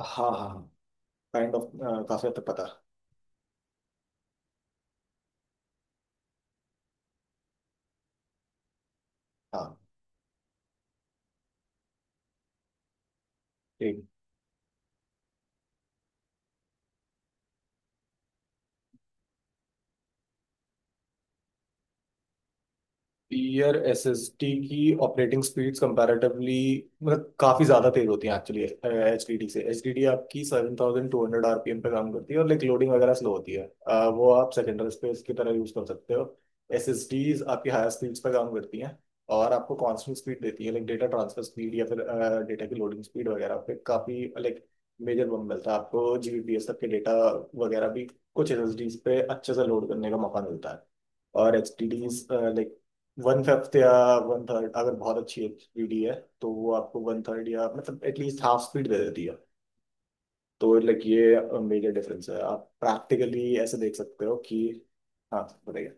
हाँ हाँ, kind of, काफी हद तक पता. हाँ, ठीक. यार एस एस टी की ऑपरेटिंग स्पीड्स कंपैरेटिवली मतलब काफ़ी ज़्यादा तेज़ होती हैं एक्चुअली एच डी डी से. एच डी डी आपकी 7200 आर पी एम पे काम करती है और लाइक लोडिंग वगैरह स्लो होती है. वो आप सेकेंडरी स्पेस की तरह यूज़ कर सकते हो. एस एस डीज आपकी हायर स्पीड्स पे काम करती हैं और आपको कांस्टेंट स्पीड देती है, लाइक डेटा ट्रांसफर स्पीड या फिर डेटा की लोडिंग स्पीड वगैरह पे काफ़ी लाइक मेजर बम मिलता है आपको, जी बी पी एस तक के डेटा वगैरह भी कुछ एस एस डीज पे अच्छे से लोड करने का मौका मिलता है. और एच टी डीज लाइक 1/5 या 1/3, अगर बहुत अच्छी एचडी है तो वो आपको 1/3 या मतलब एटलीस्ट हाफ स्पीड दे देती है. तो लाइक ये मेजर डिफरेंस है, आप प्रैक्टिकली ऐसे देख सकते हो कि. हाँ, बताइए.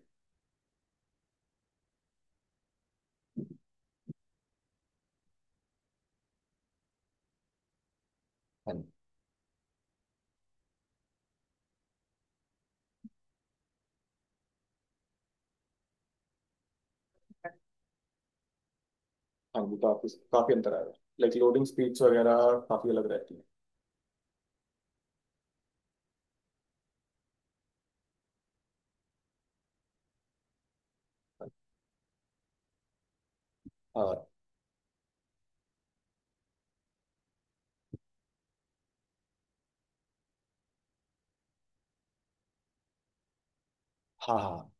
हाँ जी. हाँ जी, काफी काफी अंतर आएगा, लाइक लोडिंग स्पीड्स वगैरह काफी अलग रहती है. हाँ. हाँ. हाँ,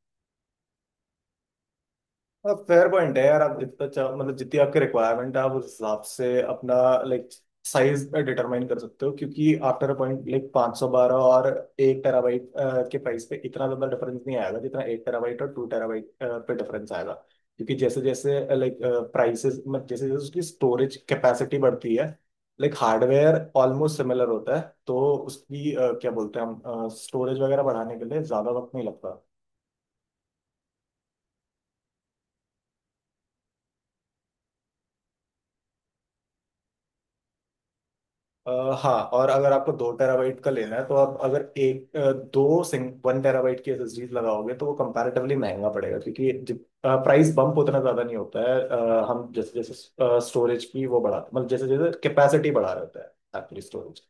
अब फेयर पॉइंट है यार, आप जितना चाहो मतलब जितनी आपकी रिक्वायरमेंट है आप उस हिसाब से अपना लाइक साइज डिटरमाइन कर सकते हो क्योंकि आफ्टर अ पॉइंट लाइक 512 और 1 टेराबाइट के प्राइस पे इतना ज्यादा डिफरेंस नहीं आएगा जितना 1 टेराबाइट और 2 टेराबाइट पे डिफरेंस आएगा. क्योंकि जैसे जैसे लाइक प्राइसेस मतलब जैसे जैसे उसकी स्टोरेज कैपेसिटी बढ़ती है, लाइक हार्डवेयर ऑलमोस्ट सिमिलर होता है. तो उसकी क्या बोलते हैं हम स्टोरेज वगैरह बढ़ाने के लिए ज्यादा वक्त नहीं लगता. अ, हाँ, और अगर आपको 2 टेराबाइट का लेना है तो आप अगर एक अ, दो सिंग 1 टेराबाइट की एसएसडीज लगाओगे तो वो कंपैरेटिवली महंगा पड़ेगा क्योंकि जब प्राइस बम्प उतना ज़्यादा नहीं होता है. हम जैसे जैसे स्टोरेज की वो बढ़ाते मतलब जैसे जैसे कैपेसिटी बढ़ा रहे होते हैं एक्चुअली स्टोरेज.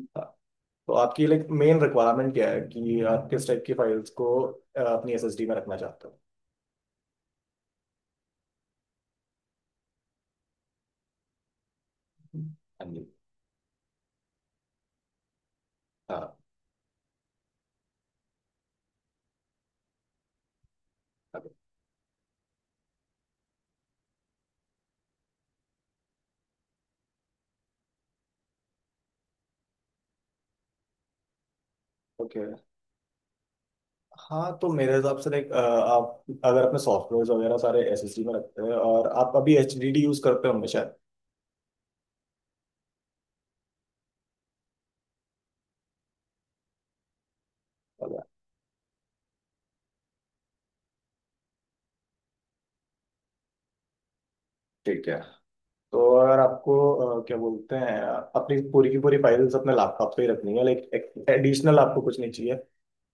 हाँ. तो आपकी लाइक मेन रिक्वायरमेंट क्या है कि आप किस टाइप की फाइल्स को अपनी एसएसडी में रखना चाहते हो. हाँ जी. हाँ. ओके. हाँ तो मेरे हिसाब से लाइक, आप अगर अपने सॉफ्टवेयर वगैरह सारे एसएसडी में रखते हैं और आप अभी एचडीडी यूज करते होंगे शायद. ठीक है, तो अगर आपको क्या बोलते हैं अपनी पूरी की पूरी फाइल्स अपने लैपटॉप पे ही रखनी है, लाइक एडिशनल आपको कुछ नहीं चाहिए,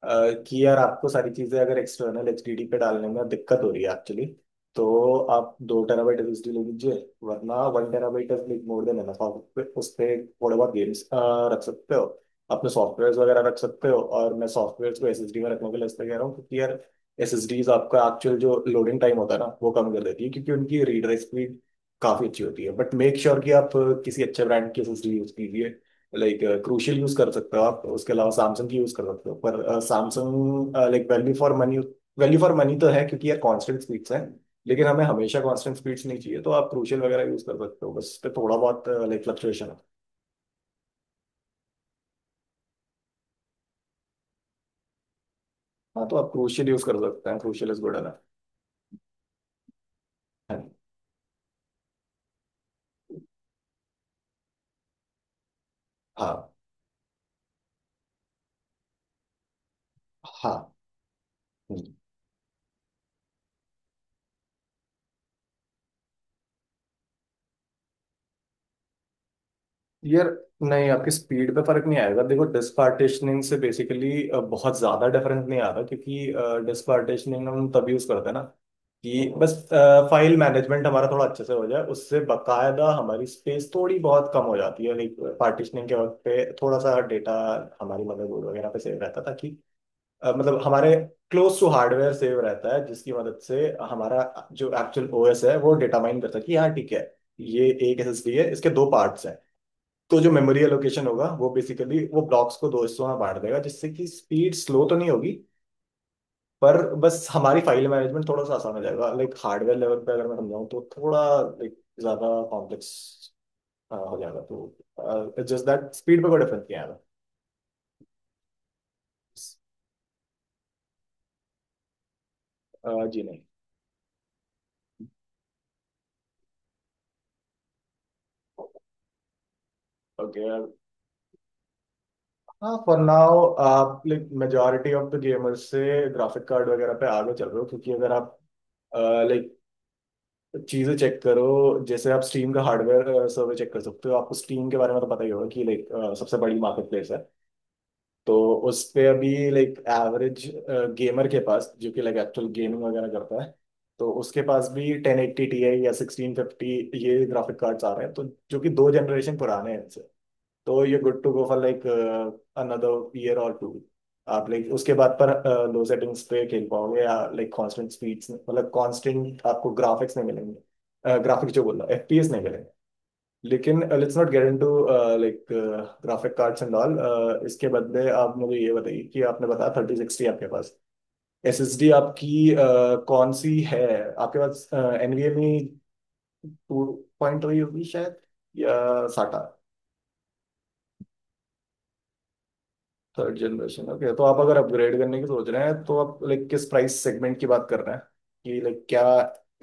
कि यार आपको सारी चीजें अगर एक्सटर्नल एचडीडी पे डालने में दिक्कत हो रही है एक्चुअली, तो आप 2 टेराबाइट एसएसडी ले लीजिए. वरना 1 terabyte is like more than enough, आप उस पे थोड़े बहुत गेम्स रख सकते हो, अपने सॉफ्टवेयर वगैरह रख सकते हो. और मैं सॉफ्टवेयर को एसएसडी में रखने के लिए इसलिए कह रहा हूँ क्योंकि यार एस एस डीज आपका एक्चुअल जो लोडिंग टाइम होता है ना वो कम कर देती है क्योंकि उनकी रीड राइट स्पीड काफी अच्छी होती है. बट मेक श्योर कि आप किसी अच्छे ब्रांड की एसएसडी यूज कीजिए, लाइक क्रूशियल यूज कर सकते हो आप. उसके अलावा सैमसंग की यूज कर सकते हो, पर Samsung like value for money तो है क्योंकि यार कांस्टेंट स्पीड्स हैं, लेकिन हमें हमेशा कांस्टेंट स्पीड्स नहीं चाहिए तो आप क्रूशियल वगैरह यूज कर सकते हो, बस पे थोड़ा बहुत लाइक फ्लक्चुएशन है. हाँ तो आप क्रूशियल यूज कर सकते हैं, क्रूशियल इज गुड एनफ. हाँ. हाँ. हाँ. यार नहीं, आपकी स्पीड पे फर्क नहीं आएगा. देखो डिस्क पार्टिशनिंग से बेसिकली बहुत ज्यादा डिफरेंस नहीं आता क्योंकि डिस्क पार्टिशनिंग हम तब यूज करते हैं ना कि बस फाइल मैनेजमेंट हमारा थोड़ा अच्छे से हो जाए. उससे बकायदा हमारी स्पेस थोड़ी बहुत कम हो जाती है, लाइक पार्टिशनिंग के वक्त पे थोड़ा सा डेटा हमारी मदरबोर्ड वगैरह पे सेव रहता था कि मतलब हमारे क्लोज टू हार्डवेयर सेव रहता है जिसकी मदद से हमारा जो एक्चुअल ओएस है वो डेटा माइन करता है कि हाँ ठीक है ये एक एसएसडी है, इसके दो पार्ट्स हैं. तो जो मेमोरी एलोकेशन होगा वो बेसिकली वो ब्लॉक्स को दो हिस्सों में बांट देगा, जिससे कि स्पीड स्लो तो नहीं होगी, पर बस हमारी फाइल मैनेजमेंट थोड़ा सा आसान हो जाएगा. लाइक हार्डवेयर लेवल पे अगर मैं समझाऊँ तो थोड़ा लाइक ज्यादा कॉम्प्लेक्स हो जाएगा, तो जस्ट दैट स्पीड पे कोई डिफरेंस नहीं आएगा. जी नहीं. ओके. हाँ फॉर नाउ आप like majority of the gamers से ग्राफिक कार्ड वगैरह पे आगे चल रहे हो क्योंकि अगर आप लाइक चीजें चेक करो, जैसे आप स्टीम का हार्डवेयर सर्वर चेक कर सकते हो, आपको स्टीम के बारे में तो पता ही होगा कि लाइक सबसे बड़ी मार्केट प्लेस है. तो उस पे अभी लाइक एवरेज गेमर के पास जो कि लाइक एक्चुअल गेमिंग वगैरह करता है, तो उसके पास भी 1080 टी आई या 1650 ये ग्राफिक कार्ड्स आ रहे हैं, तो जो कि दो जनरेशन पुराने हैं. तो you're good to go for like another year or two. आप लाइक उसके बाद पर लो सेटिंग्स पे खेल पाओगे, या लाइक कांस्टेंट स्पीड्स मतलब कांस्टेंट आपको ग्राफिक्स नहीं मिलेंगे, ग्राफिक्स जो बोल रहा एफपीएस नहीं मिलेंगे. लेकिन let's not get into like graphic cards and all. इसके बदले आप मुझे ये बताइए कि आपने बताया 3060 आपके पास. एसएसडी आपकी कौन सी है, आपके पास एनवीएमई टू पॉइंट रही होगी शायद, या साटा. Third generation, okay. तो आप अगर अपग्रेड करने की सोच रहे हैं तो आप लाइक किस प्राइस सेगमेंट की बात कर रहे हैं, कि लाइक क्या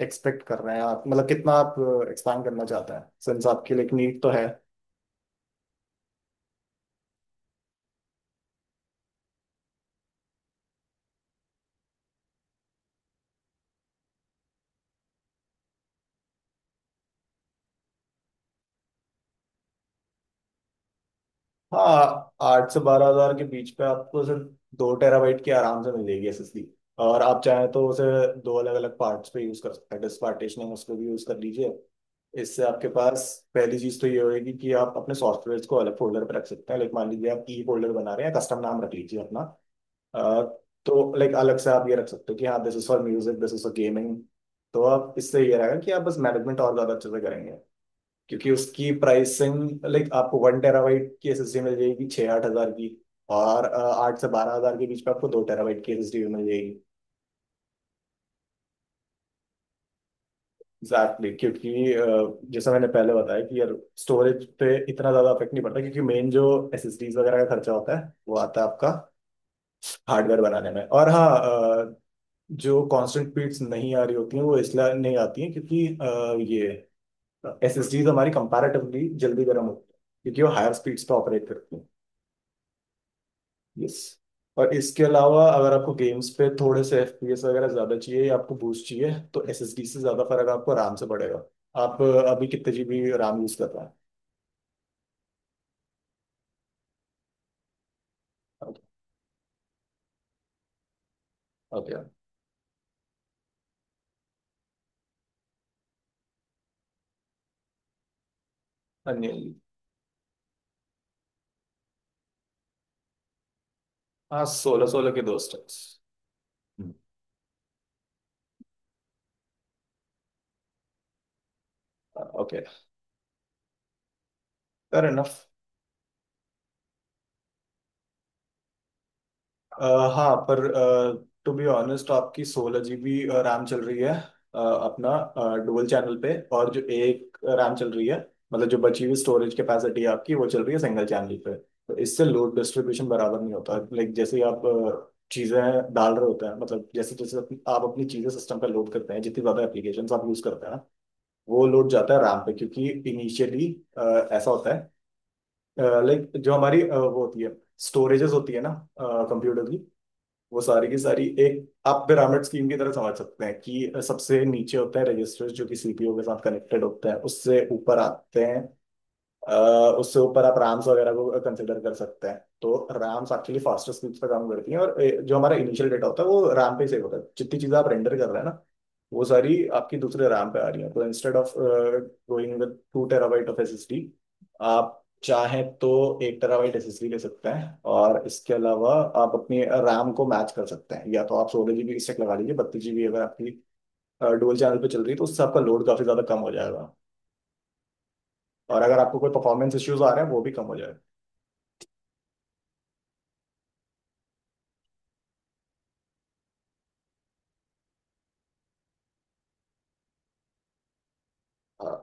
एक्सपेक्ट कर रहे हैं आप मतलब कितना आप एक्सपांड करना चाहते हैं सिंस आपकी लाइक नीड तो है. हाँ, 8 से 12 हज़ार के बीच पे आपको सिर्फ 2 टेराबाइट की आराम से मिलेगी एसएसडी. और आप चाहें तो उसे दो अलग अलग पार्ट्स पे यूज कर सकते हैं, डिस्क पार्टीशनिंग उसको भी यूज कर लीजिए. इससे आपके पास पहली चीज तो ये होगी कि आप अपने सॉफ्टवेयर को अलग फोल्डर पे रख सकते हैं. लाइक मान लीजिए आप ई फोल्डर बना रहे हैं, कस्टम नाम रख लीजिए अपना. अ, तो लाइक अलग से आप ये रख सकते हो कि हाँ this is for music, this is for gaming. तो आप इससे ये रहेगा कि आप बस मैनेजमेंट और ज्यादा अच्छे से करेंगे, क्योंकि उसकी प्राइसिंग लाइक आपको 1 टेराबाइट की एसएसडी मिल जाएगी 6-8 हज़ार की, और 8 से 12 हज़ार के बीच में आपको 2 टेराबाइट की एसएसडी भी मिल जाएगी. एग्जैक्टली exactly, क्योंकि जैसा मैंने पहले बताया कि यार स्टोरेज पे इतना ज्यादा अफेक्ट नहीं पड़ता, क्योंकि मेन जो एसएसडीज वगैरह का खर्चा होता है वो आता है आपका हार्डवेयर बनाने में. और हाँ, जो कांस्टेंट बीट्स नहीं आ रही होती हैं वो इसलिए नहीं आती हैं क्योंकि ये एस एस डीज हमारी कंपैरेटिवली जल्दी गर्म होती है क्योंकि वो हायर स्पीड्स पे ऑपरेट करती हैं. यस. और इसके अलावा अगर आपको गेम्स पे थोड़े से एफ पी एस वगैरह ज़्यादा चाहिए या आपको बूस्ट चाहिए तो एस एस डी से ज़्यादा फर्क आपको RAM से पड़ेगा. आप अभी कितने जी बी RAM यूज़ कर रहे हैं? ओके. ओके. अनिल. हाँ सोलह सोलह के दोस्त. ओके. Fair enough. अ, हाँ पर टू बी ऑनेस्ट आपकी 16 GB रैम चल रही है अपना डुअल चैनल पे, और जो एक रैम चल रही है मतलब जो बची हुई स्टोरेज कैपेसिटी है आपकी वो चल रही है सिंगल चैनल पे. तो इससे लोड डिस्ट्रीब्यूशन बराबर नहीं होता, लाइक जैसे ही आप चीजें डाल रहे होते हैं मतलब जैसे जैसे अपनी, आप अपनी चीजें सिस्टम पे लोड करते हैं जितनी ज्यादा एप्लीकेशन आप यूज करते हैं ना, वो लोड जाता है रैम पे क्योंकि इनिशियली ऐसा होता है, लाइक जो हमारी वो होती है स्टोरेजेस होती है ना कंप्यूटर की, वो सारी की सारी एक आप पिरामिड स्कीम की तरह समझ सकते हैं कि सबसे नीचे होता है रजिस्टर्स जो कि सीपीयू के साथ कनेक्टेड होते हैं, उससे ऊपर आते हैं अ, उससे ऊपर आप रैम्स वगैरह को कंसिडर कर सकते हैं. तो रैम्स एक्चुअली फास्टर स्पीड्स पे काम करती हैं, और जो हमारा इनिशियल डेटा होता है वो रैम पे सेव होता है. जितनी चीज़ें आप रेंडर कर रहे हैं ना वो सारी आपकी दूसरे रैम पे आ रही है, तो instead of going with 2 terabyte of SSD आप चाहें तो 1 टेराबाइट एसएसडी ले सकते हैं, और इसके अलावा आप अपनी रैम को मैच कर सकते हैं. या तो आप सोलह जीबी स्टैक लगा लीजिए, 32 GB अगर आपकी डुअल चैनल पे चल रही है तो उससे आपका लोड काफ़ी ज़्यादा कम हो जाएगा, और अगर आपको कोई परफॉर्मेंस इश्यूज आ रहे हैं वो भी कम हो जाएगा. हाँ.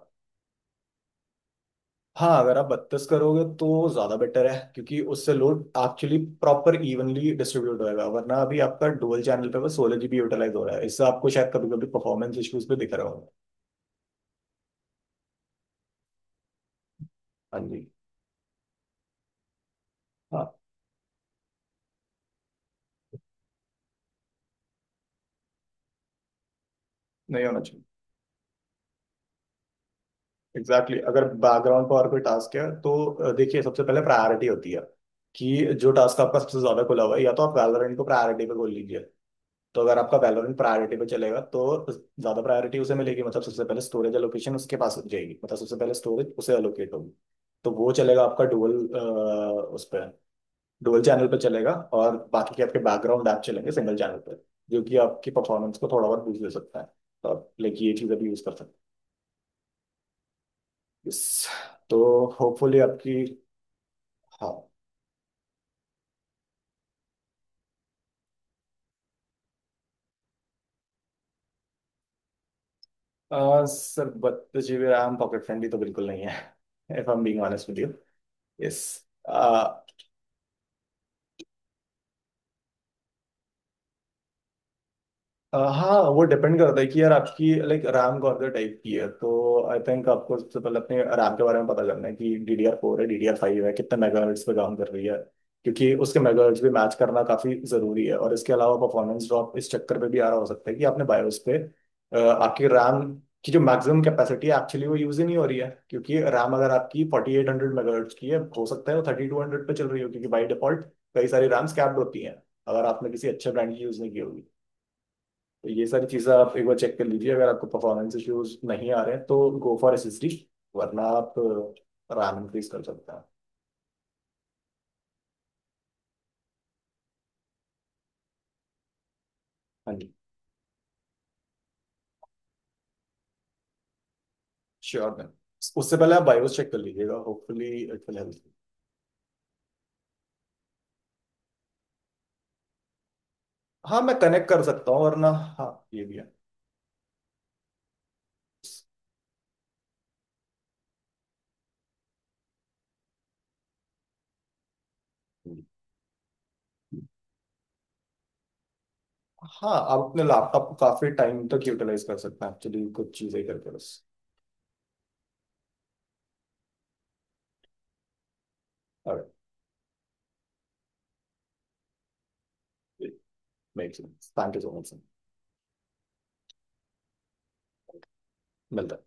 हाँ, अगर आप 32 करोगे तो ज्यादा बेटर है, क्योंकि उससे load actually proper evenly distribute होएगा. वरना अभी आपका डुअल चैनल पे बस 16 GB यूटिलाइज हो रहा है, इससे आपको शायद कभी कभी परफॉर्मेंस इश्यूज भी दिख रहे होंगे. हाँ जी. हाँ. नहीं होना चाहिए. Exactly exactly. अगर बैकग्राउंड पर और कोई टास्क है तो देखिए सबसे पहले प्रायोरिटी होती है कि जो टास्क आपका सबसे ज्यादा खुला हुआ है, या तो आप वैलोरेंट को प्रायोरिटी पे खोल लीजिए. तो अगर आपका वैलोरेंट प्रायोरिटी पे चलेगा तो ज्यादा प्रायोरिटी उसे मिलेगी, मतलब सबसे पहले स्टोरेज एलोकेशन उसके पास जाएगी, मतलब सबसे पहले स्टोरेज उसे एलोकेट होगी. तो वो चलेगा आपका डुअल उस पर डुअल चैनल पे चलेगा, और बाकी के आपके बैकग्राउंड ऐप चलेंगे सिंगल चैनल पे, जो कि आपकी परफॉर्मेंस को थोड़ा बहुत बूस्ट दे सकता है. तो आप लाइक ये चीज़ अभी यूज कर सकते हैं. Yes. तो होपफुली आपकी. हाँ. Sir 32 GB RAM pocket friendly तो बिल्कुल नहीं है if I am being honest with you. Yes. हाँ वो डिपेंड करता है कि यार आपकी लाइक रैम कौन से टाइप की है, तो आई थिंक आपको सबसे पहले अपने रैम के बारे में पता करना है कि DDR4 है DDR5 है, कितने मेगाहर्ट्ज पे काम कर रही है. क्योंकि उसके मेगाहर्ट्ज भी मैच करना काफी जरूरी है. और इसके अलावा परफॉर्मेंस ड्रॉप इस चक्कर पे भी आ रहा हो सकता है कि आपने बायोस पे आपकी रैम की जो मैक्सिमम कैपेसिटी है एक्चुअली वो यूज ही नहीं हो रही है, क्योंकि रैम अगर आपकी 4800 मेगाहर्ट्ज की है हो सकता है वो 3200 पे चल रही हो, क्योंकि बाई डिफॉल्ट कई सारी रैम्स कैप्ड होती हैं अगर आपने किसी अच्छे ब्रांड की यूज नहीं की होगी. तो ये सारी चीज़ें आप एक बार चेक कर लीजिए, अगर आपको परफॉर्मेंस इश्यूज नहीं आ रहे हैं तो go for S S D, वरना आप रैम इंक्रीज कर सकते हैं. हाँ जी. श्योर मैम, उससे पहले आप बायोस चेक कर लीजिएगा, होपफुली इट विल हेल्प. हाँ मैं कनेक्ट कर सकता हूँ वरना. हाँ ये भी है. हाँ आप अपने लैपटॉप को काफी टाइम तक यूटिलाइज कर सकते हैं एक्चुअली कुछ चीजें करके बस, और make sense. Thank you so much sir, मिलता है